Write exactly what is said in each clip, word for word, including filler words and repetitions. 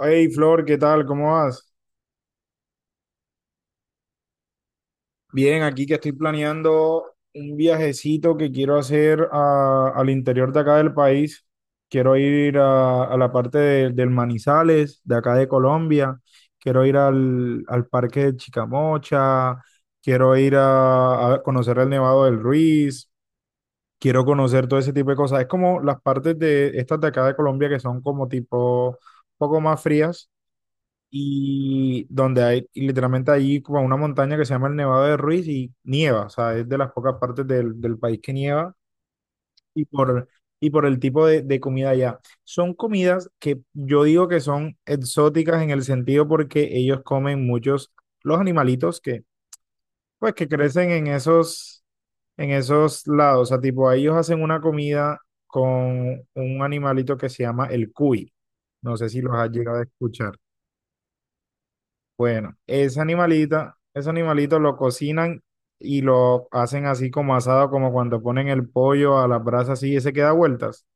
Hey Flor, ¿qué tal? ¿Cómo vas? Bien, aquí que estoy planeando un viajecito que quiero hacer a- al interior de acá del país. Quiero ir a, a la parte de- del Manizales, de acá de Colombia. Quiero ir al, al parque de Chicamocha. Quiero ir a, a conocer el Nevado del Ruiz. Quiero conocer todo ese tipo de cosas. Es como las partes de estas de acá de Colombia que son como tipo un poco más frías y donde hay y literalmente allí como una montaña que se llama el Nevado de Ruiz y nieva, o sea, es de las pocas partes del, del país que nieva y por, y por el tipo de, de comida allá. Son comidas que yo digo que son exóticas en el sentido porque ellos comen muchos los animalitos que, pues, que crecen en esos, en esos lados, o sea, tipo, ellos hacen una comida con un animalito que se llama el cuy. No sé si los has llegado a escuchar. Bueno, ese animalita, ese animalito lo cocinan y lo hacen así como asado, como cuando ponen el pollo a la brasa así y se queda vueltas.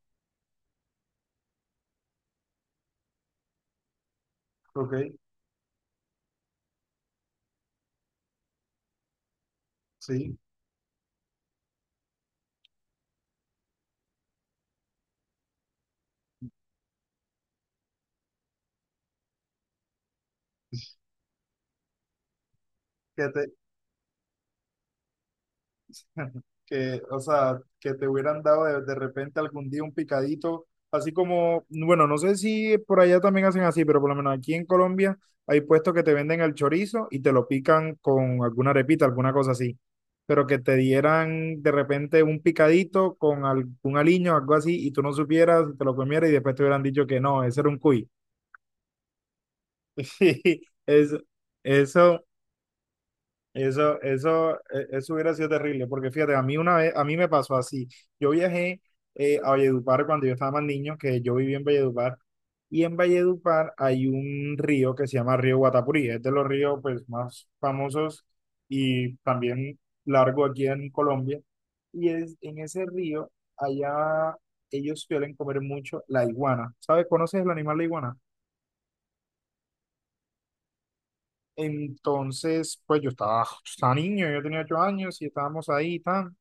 Sí. Que te- que, o sea, que te hubieran dado de, de repente algún día un picadito, así como, bueno, no sé si por allá también hacen así, pero por lo menos aquí en Colombia hay puestos que te venden el chorizo y te lo pican con alguna arepita, alguna cosa así, pero que te dieran de repente un picadito con algún aliño, algo así, y tú no supieras, te lo comieras y después te hubieran dicho que no, ese era un cuy. sí. Es, eso. Eso, eso, e- eso hubiera sido terrible, porque fíjate, a mí una vez, a mí me pasó así. Yo viajé eh, a Valledupar cuando yo estaba más niño, que yo viví en Valledupar, y en Valledupar hay un río que se llama Río Guatapurí, es de los ríos pues más famosos y también largo aquí en Colombia. Y es, en ese río, allá ellos suelen comer mucho la iguana. ¿Sabes? ¿Conoces el animal la iguana? Entonces, pues yo estaba, estaba niño, yo tenía ocho años y estábamos ahí y tal.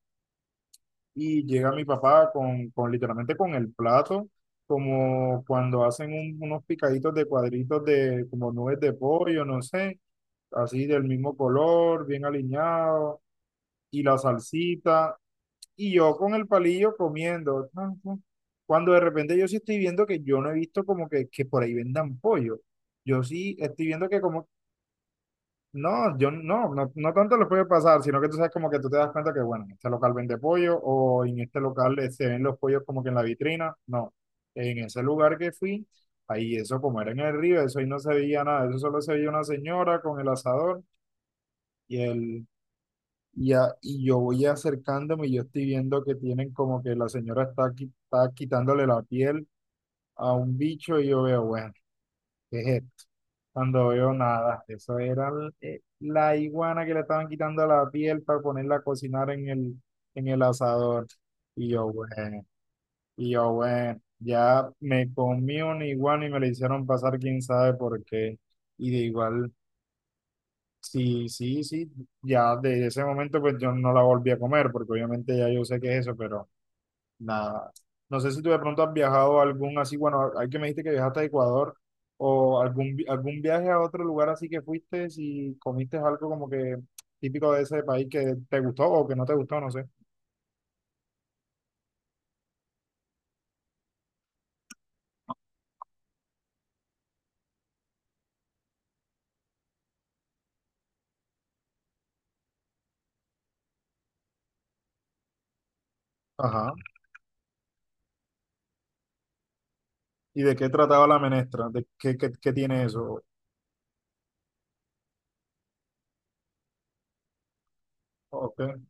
Y llega mi papá con, con literalmente con el plato, como cuando hacen un- unos picaditos de cuadritos de como nubes de pollo, no sé, así del mismo color, bien alineado, y la salsita, y yo con el palillo comiendo, tan, tan. Cuando de repente yo sí estoy viendo que yo no he visto como que, que por ahí vendan pollo. Yo sí estoy viendo que como no, yo no, no, no tanto les puede pasar, sino que tú sabes como que tú te das cuenta que, bueno, en este local vende pollo o en este local eh, se ven los pollos como que en la vitrina. No, en ese lugar que fui, ahí eso como era en el río, eso ahí no se veía nada, eso solo se veía una señora con el asador y el, y, a- y yo voy acercándome y yo estoy viendo que tienen como que la señora está, qui- está quitándole la piel a un bicho y yo veo, bueno, ¿qué es esto? Cuando veo nada, eso era el- eh, la iguana que le estaban quitando la piel para ponerla a cocinar en el, en el asador. Y yo, bueno, y yo, bueno, ya me comí una iguana y me la hicieron pasar quién sabe por qué. Y de igual, sí, sí, sí, ya desde ese momento pues yo no la volví a comer, porque obviamente ya yo sé qué es eso, pero nada. No sé si tú de pronto has viajado a algún así, bueno, hay que me dijiste que viajaste a Ecuador o algún, vi- algún viaje a otro lugar así que fuiste y comiste algo como que típico de ese país que te gustó o que no te gustó, no sé. Ajá. ¿Y de qué trataba la menestra? ¿De qué, qué, qué tiene eso? Ok,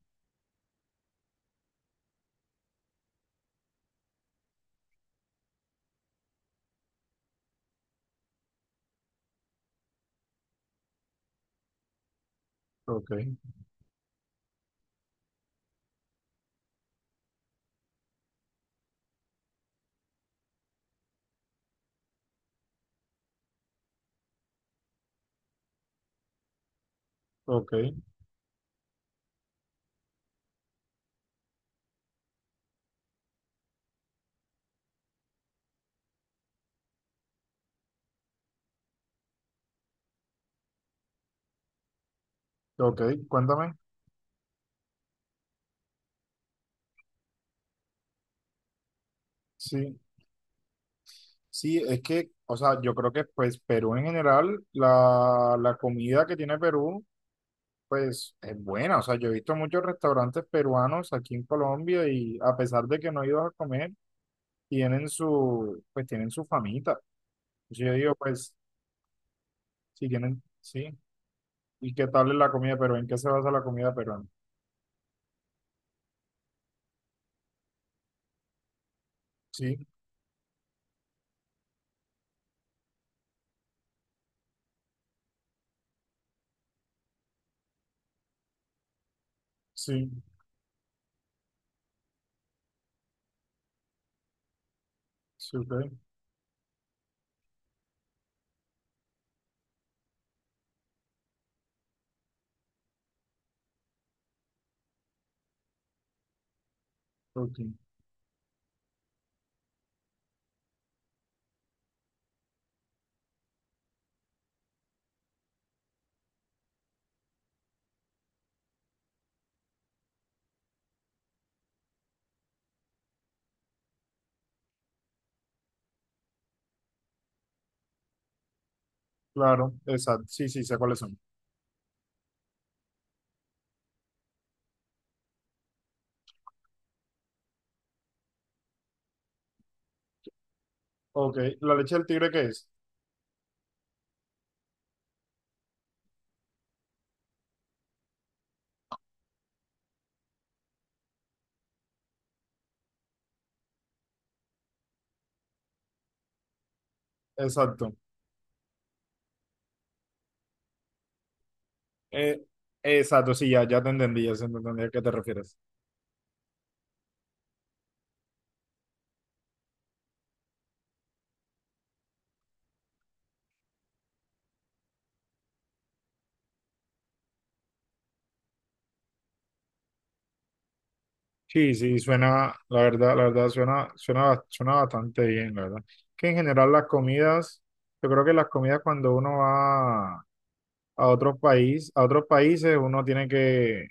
ok, ok, ok. Cuéntame. Sí, sí, es que, o sea, yo creo que pues Perú en general, la, la comida que tiene Perú. Pues es buena, o sea, yo he visto muchos restaurantes peruanos aquí en Colombia y a pesar de que no he ido a comer, tienen su, pues tienen su famita. Entonces yo digo, pues, si tienen, sí, ¿y qué tal es la comida peruana? ¿En qué se basa la comida peruana? Sí, sí, sí, ok, ok, claro, exacto, sí, sí, sé cuáles son. Ok, ¿la leche del tigre qué es? Exacto, eh, exacto, sí, ya, ya te entendí, ya se entendí a qué te refieres. Sí, sí, suena, la verdad, la verdad, suena, suena, suena bastante bien, la verdad. Que en general las comidas, yo creo que las comidas cuando uno va a otros país, a otros países, uno tiene que,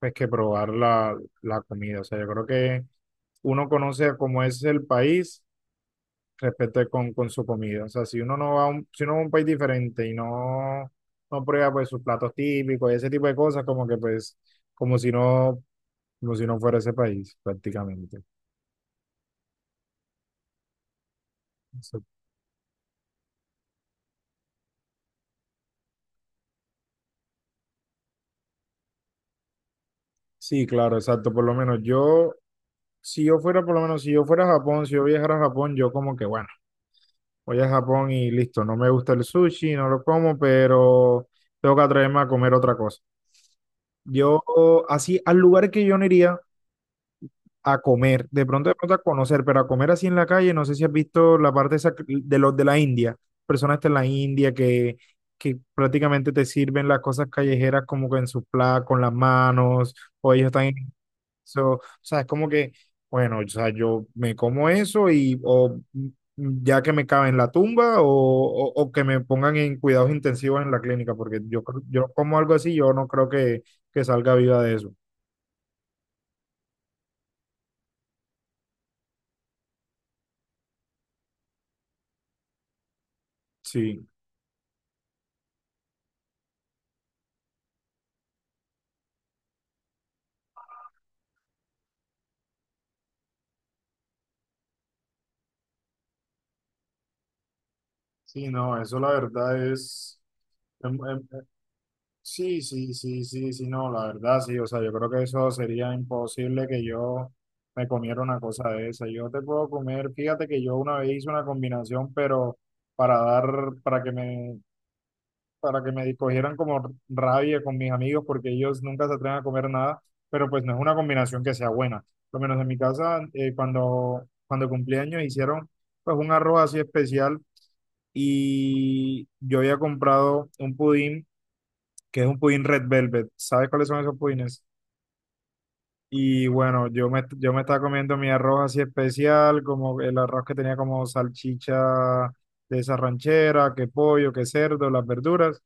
pues, que probar la, la comida. O sea, yo creo que uno conoce cómo es el país respecto de con, con su comida. O sea, si uno no va a un, si uno va a un país diferente y no, no prueba pues sus platos típicos y ese tipo de cosas, como que pues, como si no, como si no fuera ese país, prácticamente. Sí, claro, exacto. Por lo menos yo, si yo fuera, por lo menos si yo fuera a Japón, si yo viajara a Japón, yo como que, bueno, voy a Japón y listo, no me gusta el sushi, no lo como, pero tengo que atreverme a comer otra cosa. Yo, así, al lugar que yo no iría a comer, de pronto, de pronto a conocer, pero a comer así en la calle, no sé si has visto la parte esa que- de los de la India, personas de la India que, que prácticamente te sirven las cosas callejeras como que en sus pla con las manos o ellos están so, o sea, es como que, bueno, o sea, yo me como eso y o mm, ya que me cabe en la tumba o, o- o que me pongan en cuidados intensivos en la clínica, porque yo, creo- yo como algo así, yo no creo que, que salga viva de eso. Sí. Sí, no, eso la verdad es, sí, sí, sí, sí, sí, no, la verdad, sí, o sea, yo creo que eso sería imposible que yo me comiera una cosa de esa. Yo te puedo comer, fíjate que yo una vez hice una combinación, pero para dar, para que me, para que me cogieran como rabia con mis amigos, porque ellos nunca se atreven a comer nada, pero pues no es una combinación que sea buena. Por lo menos en mi casa, eh, cuando, cuando cumplí años hicieron pues un arroz así especial y yo había comprado un pudín que es un pudín Red Velvet. ¿Sabes cuáles son esos pudines? Y bueno, yo me, yo me estaba comiendo mi arroz así especial, como el arroz que tenía como salchicha de esa ranchera, que pollo, que cerdo, las verduras,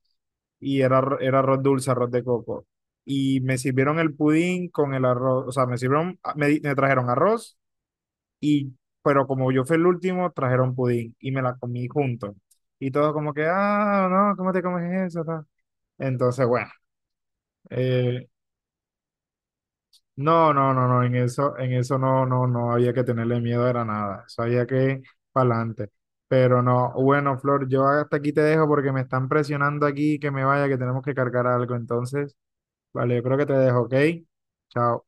y era, arro- era arroz dulce, arroz de coco. Y me sirvieron el pudín con el arroz, o sea, me sirvieron, ah, me, di- me trajeron arroz, y, pero como yo fui el último, trajeron pudín y me la comí junto. Y todos como que, ah, no, ¿cómo te comes eso? ¿tal? Entonces, bueno. eh, No, no, no, no, en eso, en eso no, no, no había que tenerle miedo, era nada, eso había que para adelante. Pero no, bueno, Flor, yo hasta aquí te dejo porque me están presionando aquí que me vaya, que tenemos que cargar algo. Entonces, vale, yo creo que te dejo, ¿ok? Chao.